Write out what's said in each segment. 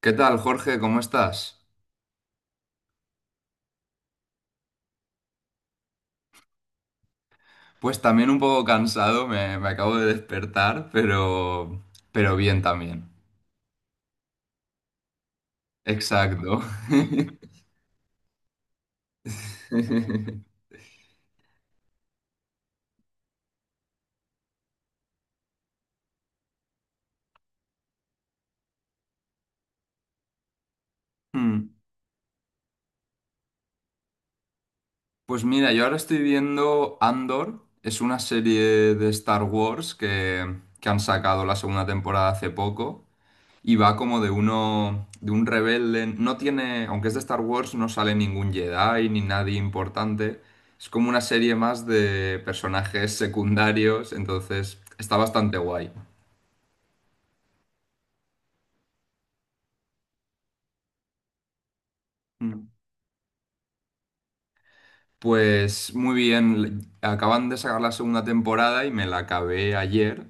¿Qué tal, Jorge? ¿Cómo estás? Pues también un poco cansado, me acabo de despertar, pero bien también. Exacto. Hmm. Pues mira, yo ahora estoy viendo Andor, es una serie de Star Wars que han sacado la segunda temporada hace poco y va como de uno, de un rebelde. No tiene, aunque es de Star Wars, no sale ningún Jedi ni nadie importante. Es como una serie más de personajes secundarios, entonces está bastante guay. Mm. Pues muy bien, acaban de sacar la segunda temporada y me la acabé ayer.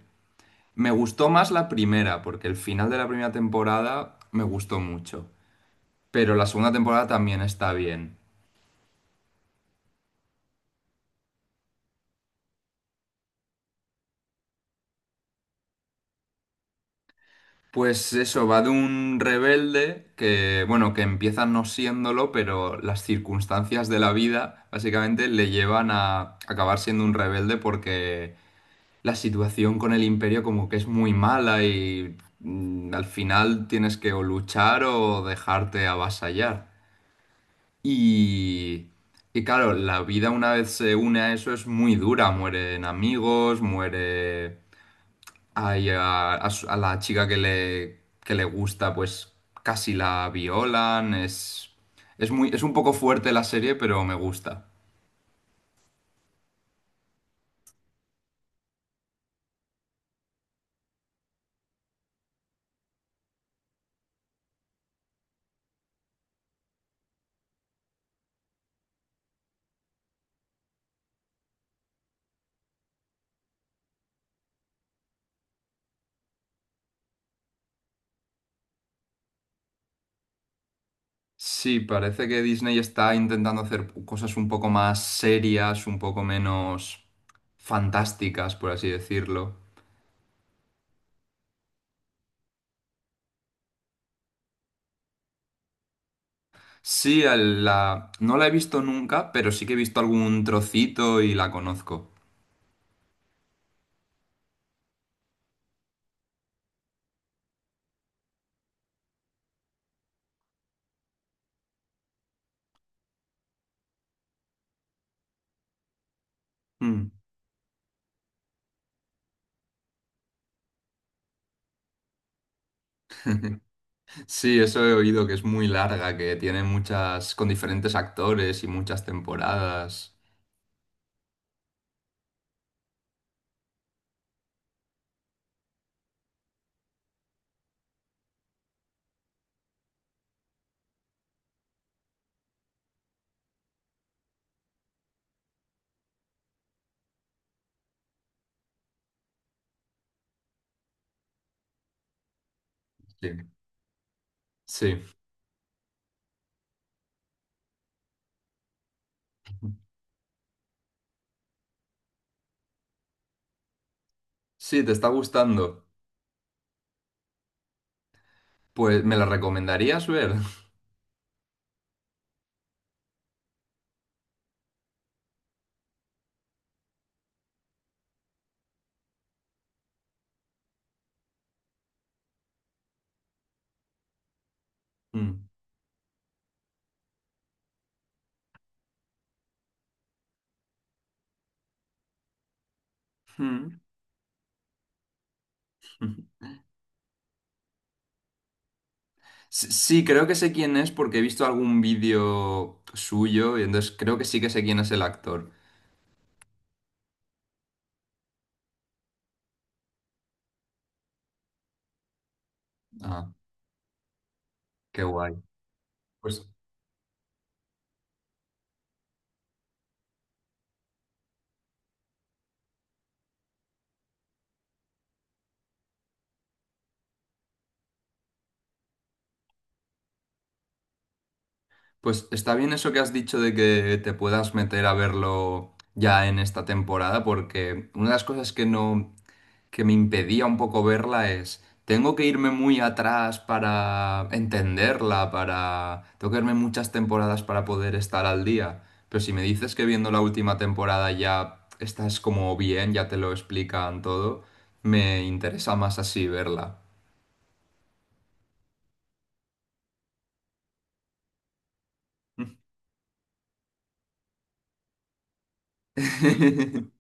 Me gustó más la primera, porque el final de la primera temporada me gustó mucho. Pero la segunda temporada también está bien. Pues eso, va de un rebelde que, bueno, que empieza no siéndolo, pero las circunstancias de la vida básicamente le llevan a acabar siendo un rebelde porque la situación con el imperio como que es muy mala y al final tienes que o luchar o dejarte avasallar. Y, y claro, la vida una vez se une a eso es muy dura, mueren amigos, muere Ay, a la chica que le gusta, pues casi la violan. Es es un poco fuerte la serie, pero me gusta. Sí, parece que Disney está intentando hacer cosas un poco más serias, un poco menos fantásticas, por así decirlo. Sí, no la he visto nunca, pero sí que he visto algún trocito y la conozco. Mm. Sí, eso he oído que es muy larga, que tiene muchas, con diferentes actores y muchas temporadas. Sí, sí, sí, te está gustando. Pues, ¿me la recomendarías ver? Mm. Mm. Sí, sí, creo que sé quién es porque he visto algún vídeo suyo y entonces creo que sí que sé quién es el actor. Ah, qué guay. Pues, pues está bien eso que has dicho de que te puedas meter a verlo ya en esta temporada porque una de las cosas que no que me impedía un poco verla es, tengo que irme muy atrás para entenderla, para... Tengo que verme muchas temporadas para poder estar al día. Pero si me dices que viendo la última temporada ya estás como bien, ya te lo explican todo, me interesa más así verla.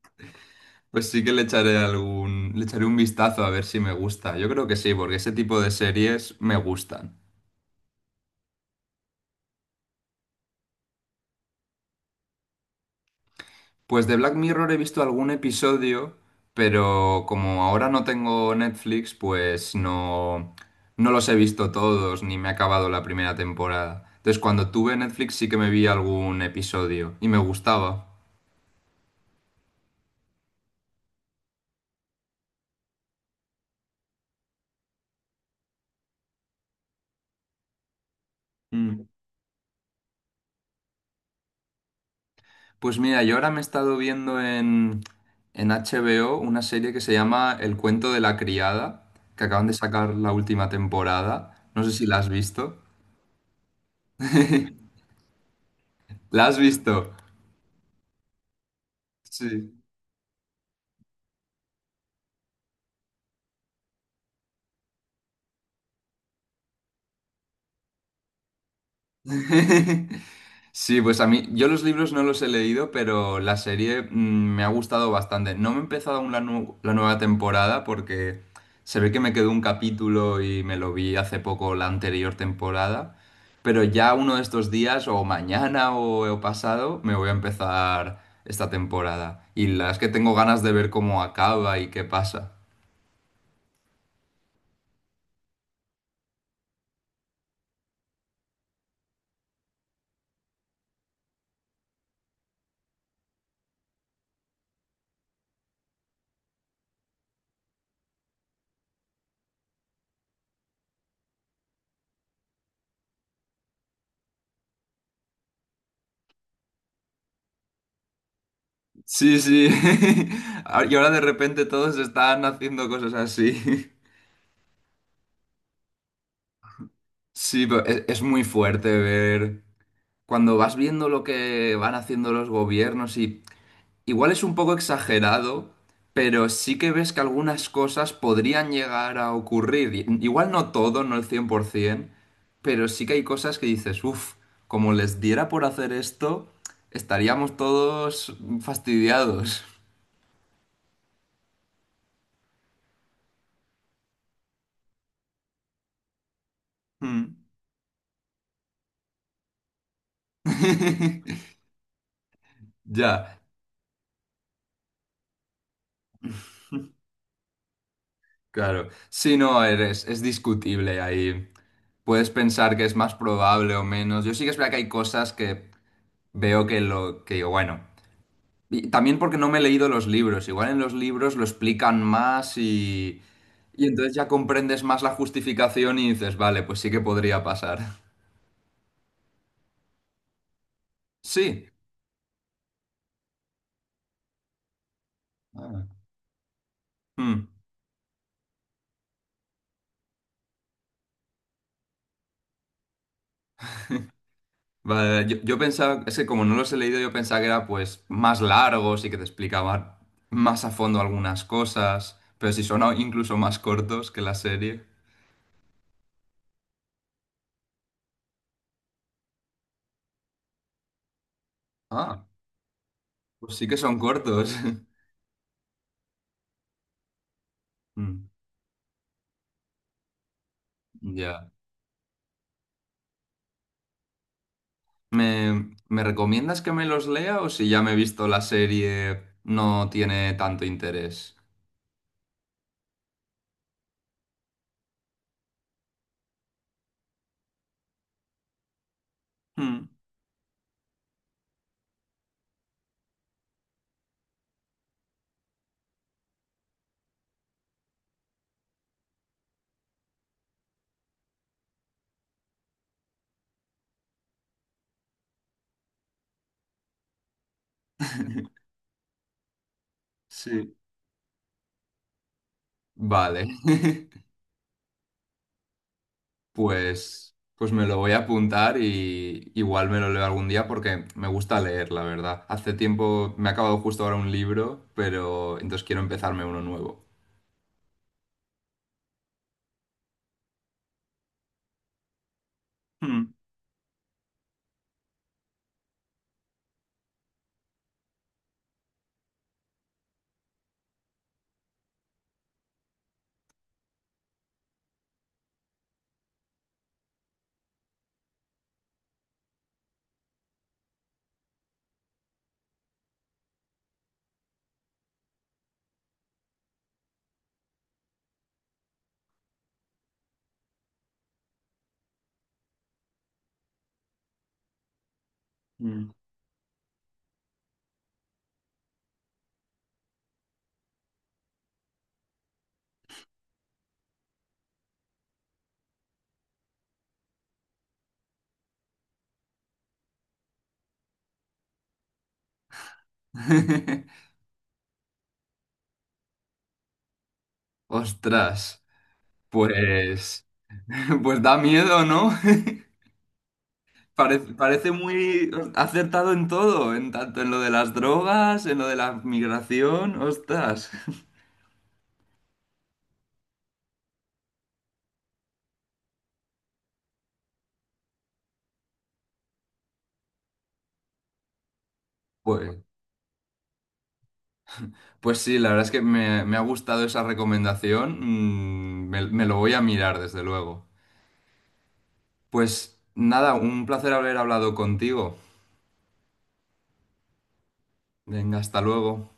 Pues sí que le echaré un vistazo a ver si me gusta. Yo creo que sí, porque ese tipo de series me gustan. Pues de Black Mirror he visto algún episodio, pero como ahora no tengo Netflix, no los he visto todos, ni me he acabado la primera temporada. Entonces, cuando tuve Netflix sí que me vi algún episodio y me gustaba. Mm. Pues mira, yo ahora me he estado en HBO una serie que se llama El cuento de la criada, que acaban de sacar la última temporada. No sé si la has visto. ¿La has visto? Sí. Sí, pues a mí, yo los libros no los he leído, pero la serie me ha gustado bastante. No me he empezado aún la nueva temporada porque se ve que me quedó un capítulo y me lo vi hace poco la anterior temporada, pero ya uno de estos días o mañana o pasado me voy a empezar esta temporada. Y las que tengo ganas de ver cómo acaba y qué pasa. Sí, sí. Y ahora de repente todos están haciendo cosas así. Sí, pero es muy fuerte ver cuando vas viendo lo que van haciendo los gobiernos y igual es un poco exagerado, pero sí que ves que algunas cosas podrían llegar a ocurrir. Igual no todo, no el 100%, pero sí que hay cosas que dices, uff, como les diera por hacer esto, estaríamos todos fastidiados. Mm. Ya, claro. Si no, es discutible ahí. Puedes pensar que es más probable o menos. Yo sí que es verdad que hay cosas que veo que lo que digo, bueno. Y también porque no me he leído los libros. Igual en los libros lo explican más y entonces ya comprendes más la justificación y dices, vale, pues sí que podría pasar. Sí. Ah. Mm. Vale, vale. Yo pensaba, es que como no los he leído, yo pensaba que era pues más largos y que te explicaban más a fondo algunas cosas, pero si son incluso más cortos que la serie. Ah, pues sí que son cortos. Mm. Ya. Me recomiendas que me los lea o si ya me he visto la serie no tiene tanto interés? Hmm. Sí. Vale. Pues, pues me lo voy a apuntar y igual me lo leo algún día porque me gusta leer, la verdad. Hace tiempo me ha acabado justo ahora un libro, pero entonces quiero empezarme uno nuevo. Hmm. Mm. Ostras, pues, pues da miedo, ¿no? Parece, parece muy acertado en todo, en tanto en lo de las drogas, en lo de la migración, ostras. Pues, pues sí, la verdad es que me ha gustado esa recomendación. Me lo voy a mirar, desde luego. Pues nada, un placer haber hablado contigo. Venga, hasta luego.